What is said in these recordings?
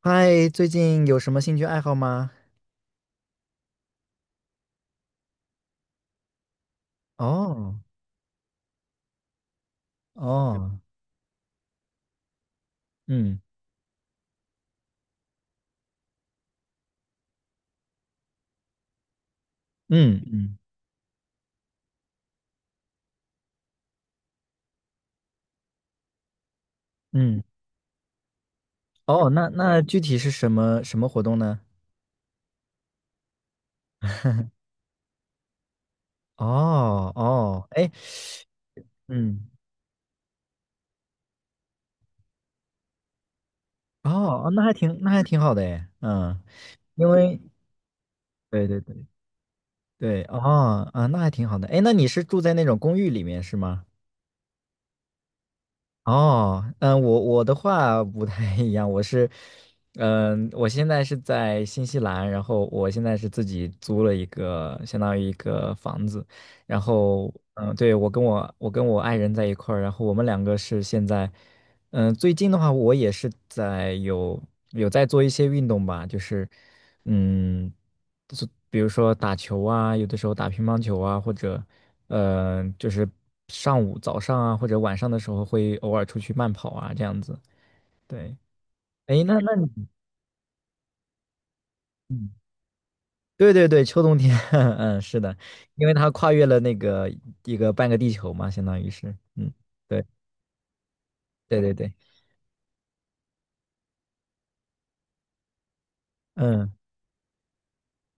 嗨，最近有什么兴趣爱好吗？哦，哦，嗯嗯嗯嗯，哦，那具体是什么活动呢？哦哦，哎，嗯，哦，那还挺好的哎，嗯，因为对对对对，哦啊，那还挺好的。哎，那你是住在那种公寓里面是吗？哦，嗯，我的话不太一样，嗯，我现在是在新西兰，然后我现在是自己租了一个，相当于一个房子，然后，嗯，对，我跟我爱人在一块儿，然后我们两个是现在，嗯，最近的话，我也是有在做一些运动吧，就是，嗯。就是比如说打球啊，有的时候打乒乓球啊，或者，就是上午、早上啊，或者晚上的时候会偶尔出去慢跑啊，这样子。对，哎，那那你对对对，秋冬天，嗯，是的，因为它跨越了那个一个半个地球嘛，相当于是，嗯，对对对对，嗯，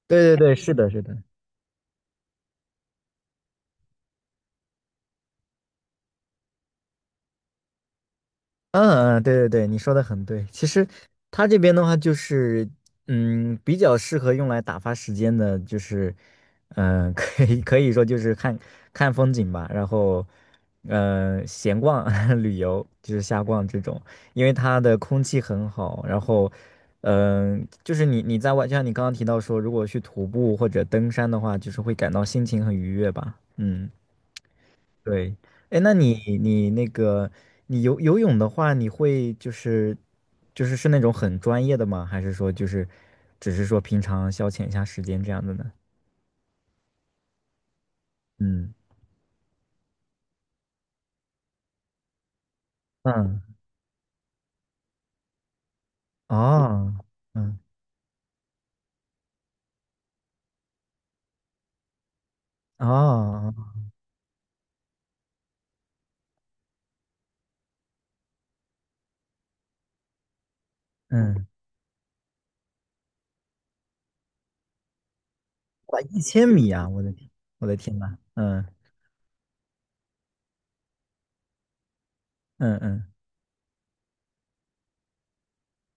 对对对，是的，是的，嗯嗯，对对对，你说的很对。其实它这边的话，就是嗯，比较适合用来打发时间的，就是可以说就是看看风景吧，然后闲逛 旅游，就是瞎逛这种。因为它的空气很好，然后就是你在外，就像你刚刚提到说，如果去徒步或者登山的话，就是会感到心情很愉悦吧。嗯对，哎，那你那个你游泳的话，你会就是是那种很专业的吗？还是说就是只是说平常消遣一下时间这样的呢？嗯嗯哦嗯哦嗯，哇，一千米啊！我的天，我的天呐，嗯嗯嗯，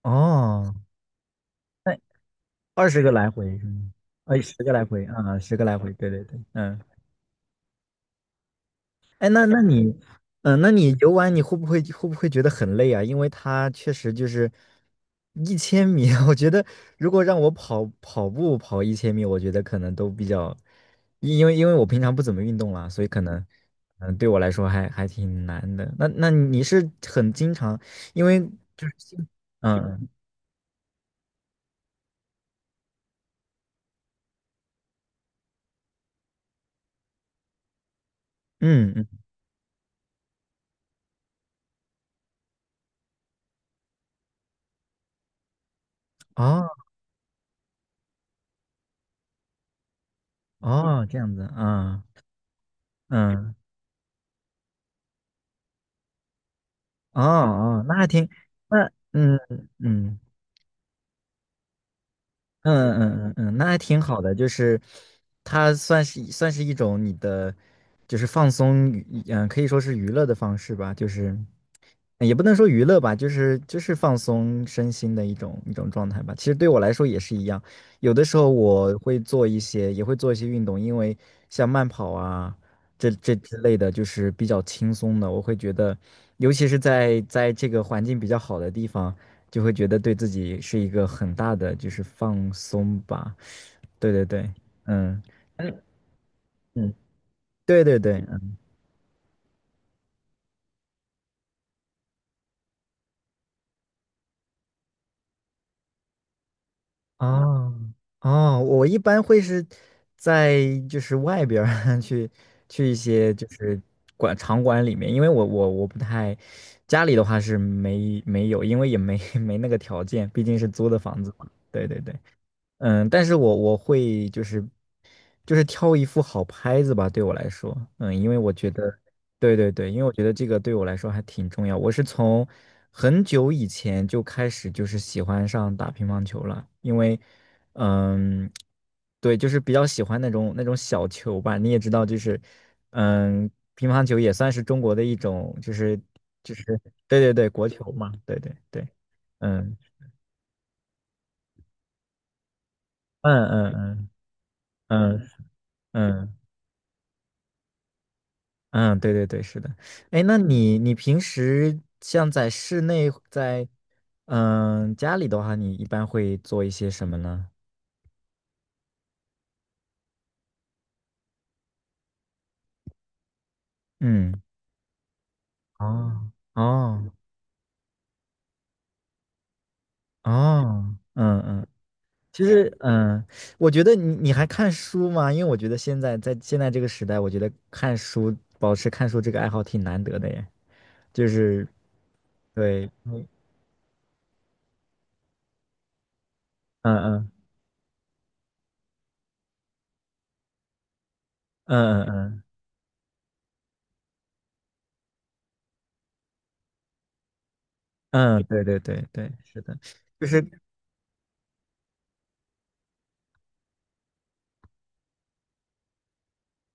哦，那二十个来回是吗？哎，十个来回啊，十个来回，对对对，嗯哎，那 你，那你游玩你会不会觉得很累啊？因为它确实就是一千米，我觉得如果让我跑步跑一千米，我觉得可能都比较，因为我平常不怎么运动啦，所以可能，对我来说还挺难的。那你是很经常，因为就是新嗯嗯嗯，哦哦，这样子啊，嗯哦哦，那还挺，那嗯嗯。嗯嗯嗯嗯，那还挺好的，就是它算是一种你的，就是放松可以说是娱乐的方式吧，就是。也不能说娱乐吧，就是放松身心的一种状态吧。其实对我来说也是一样，有的时候我会做一些，也会做一些运动，因为像慢跑啊，这之类的，就是比较轻松的。我会觉得，尤其是在这个环境比较好的地方，就会觉得对自己是一个很大的就是放松吧。对对对，嗯嗯嗯，对对对，哦哦，我一般会是在就是外边儿 去一些就是场馆里面，因为我不太家里的话是没有，因为也没 没那个条件，毕竟是租的房子嘛。对对对。嗯，但是我会就是挑一副好拍子吧，对我来说，嗯，因为我觉得，对对对，因为我觉得这个对我来说还挺重要。我是从很久以前就开始就是喜欢上打乒乓球了，因为，嗯，对，就是比较喜欢那种小球吧。你也知道，就是嗯，乒乓球也算是中国的一种，就是对对对，国球嘛，对对对，嗯嗯嗯嗯嗯嗯。嗯，对对对，是的。哎，那你平时像在室内，在家里的话，你一般会做一些什么呢？嗯，哦哦哦，嗯嗯，其实我觉得你还看书吗？因为我觉得现在这个时代，我觉得看书保持看书这个爱好挺难得的耶。就是对，嗯嗯嗯嗯嗯嗯，对对对对，是的，就是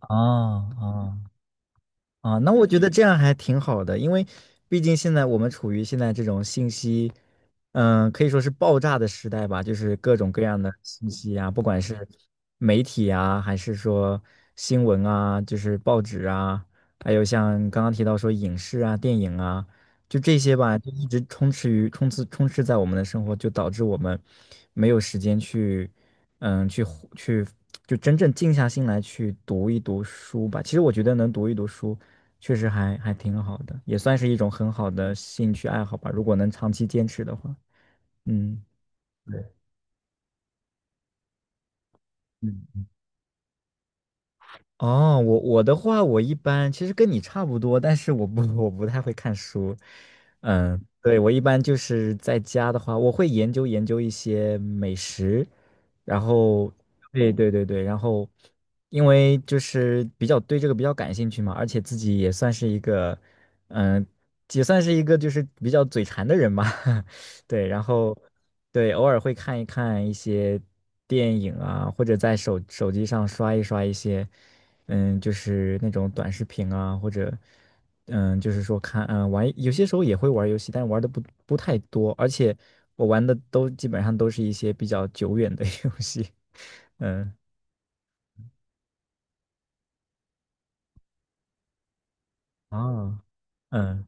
哦哦。啊，那我觉得这样还挺好的，因为毕竟现在我们处于现在这种信息，可以说是爆炸的时代吧，就是各种各样的信息啊，不管是媒体啊，还是说新闻啊，就是报纸啊，还有像刚刚提到说影视啊、电影啊，就这些吧，就一直充斥于充斥充斥在我们的生活，就导致我们没有时间去，嗯，去呼去就真正静下心来去读一读书吧。其实我觉得能读一读书，确实还挺好的，也算是一种很好的兴趣爱好吧。如果能长期坚持的话，嗯。嗯哦，我的话，我一般其实跟你差不多，但是我不太会看书。嗯，对，我一般就是在家的话，我会研究研究一些美食，然后，对对对对，然后，因为就是比较对这个比较感兴趣嘛，而且自己嗯，也算是一个就是比较嘴馋的人吧，对，然后，对，偶尔会看一看一些电影啊，或者在手机上刷一刷一些。嗯，就是那种短视频啊，或者就是说玩，有些时候也会玩游戏，但玩的不太多，而且我玩的都基本上都是一些比较久远的 游戏。嗯啊嗯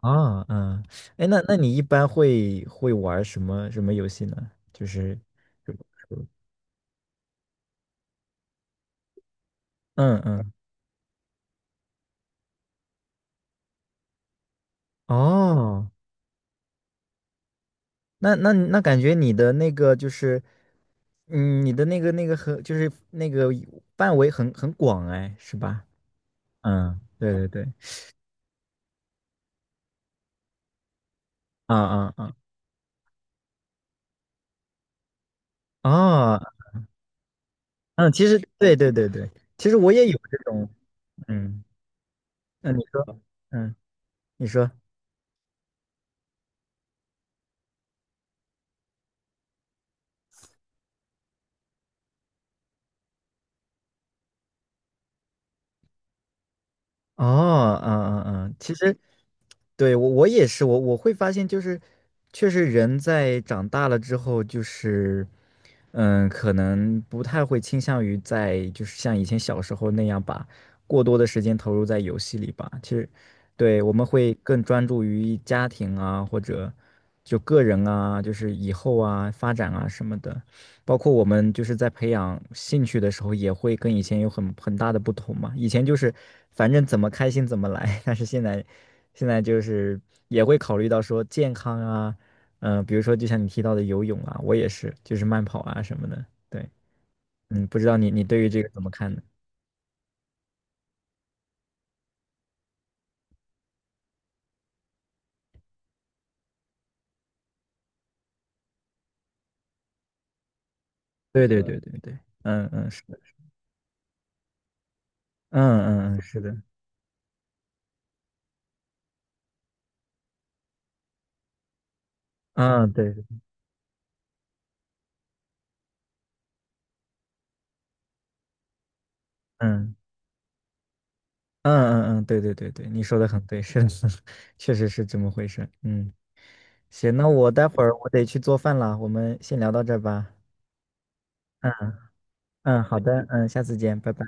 啊嗯，哎，那你一般会玩什么游戏呢？就是嗯嗯哦那感觉你的就是，嗯，你的那个很就是范围很广哎，是吧？嗯，对对对，啊啊啊，哦，嗯，其实对对对对，其实我也有这种，嗯，那你说，嗯，你说。哦，嗯嗯嗯，其实对我也是，我会发现就是，确实人在长大了之后，就是可能不太会倾向于在就是像以前小时候那样把过多的时间投入在游戏里吧。其实，对，我们会更专注于家庭啊，或者就个人啊，就是以后啊发展啊什么的。包括我们就是在培养兴趣的时候，也会跟以前有很大的不同嘛。以前就是反正怎么开心怎么来，但是现在就是也会考虑到说健康啊，比如说就像你提到的游泳啊，我也是，就是慢跑啊什么的。对，嗯，不知道你对于这个怎么看呢？对对对对对，嗯嗯是的，嗯嗯嗯是的，嗯对，嗯嗯嗯嗯对对对对，你说的很对，是的，确实是这么回事，嗯。行，那我待会儿我得去做饭了，我们先聊到这儿吧。嗯嗯，好的，嗯，下次见，拜拜。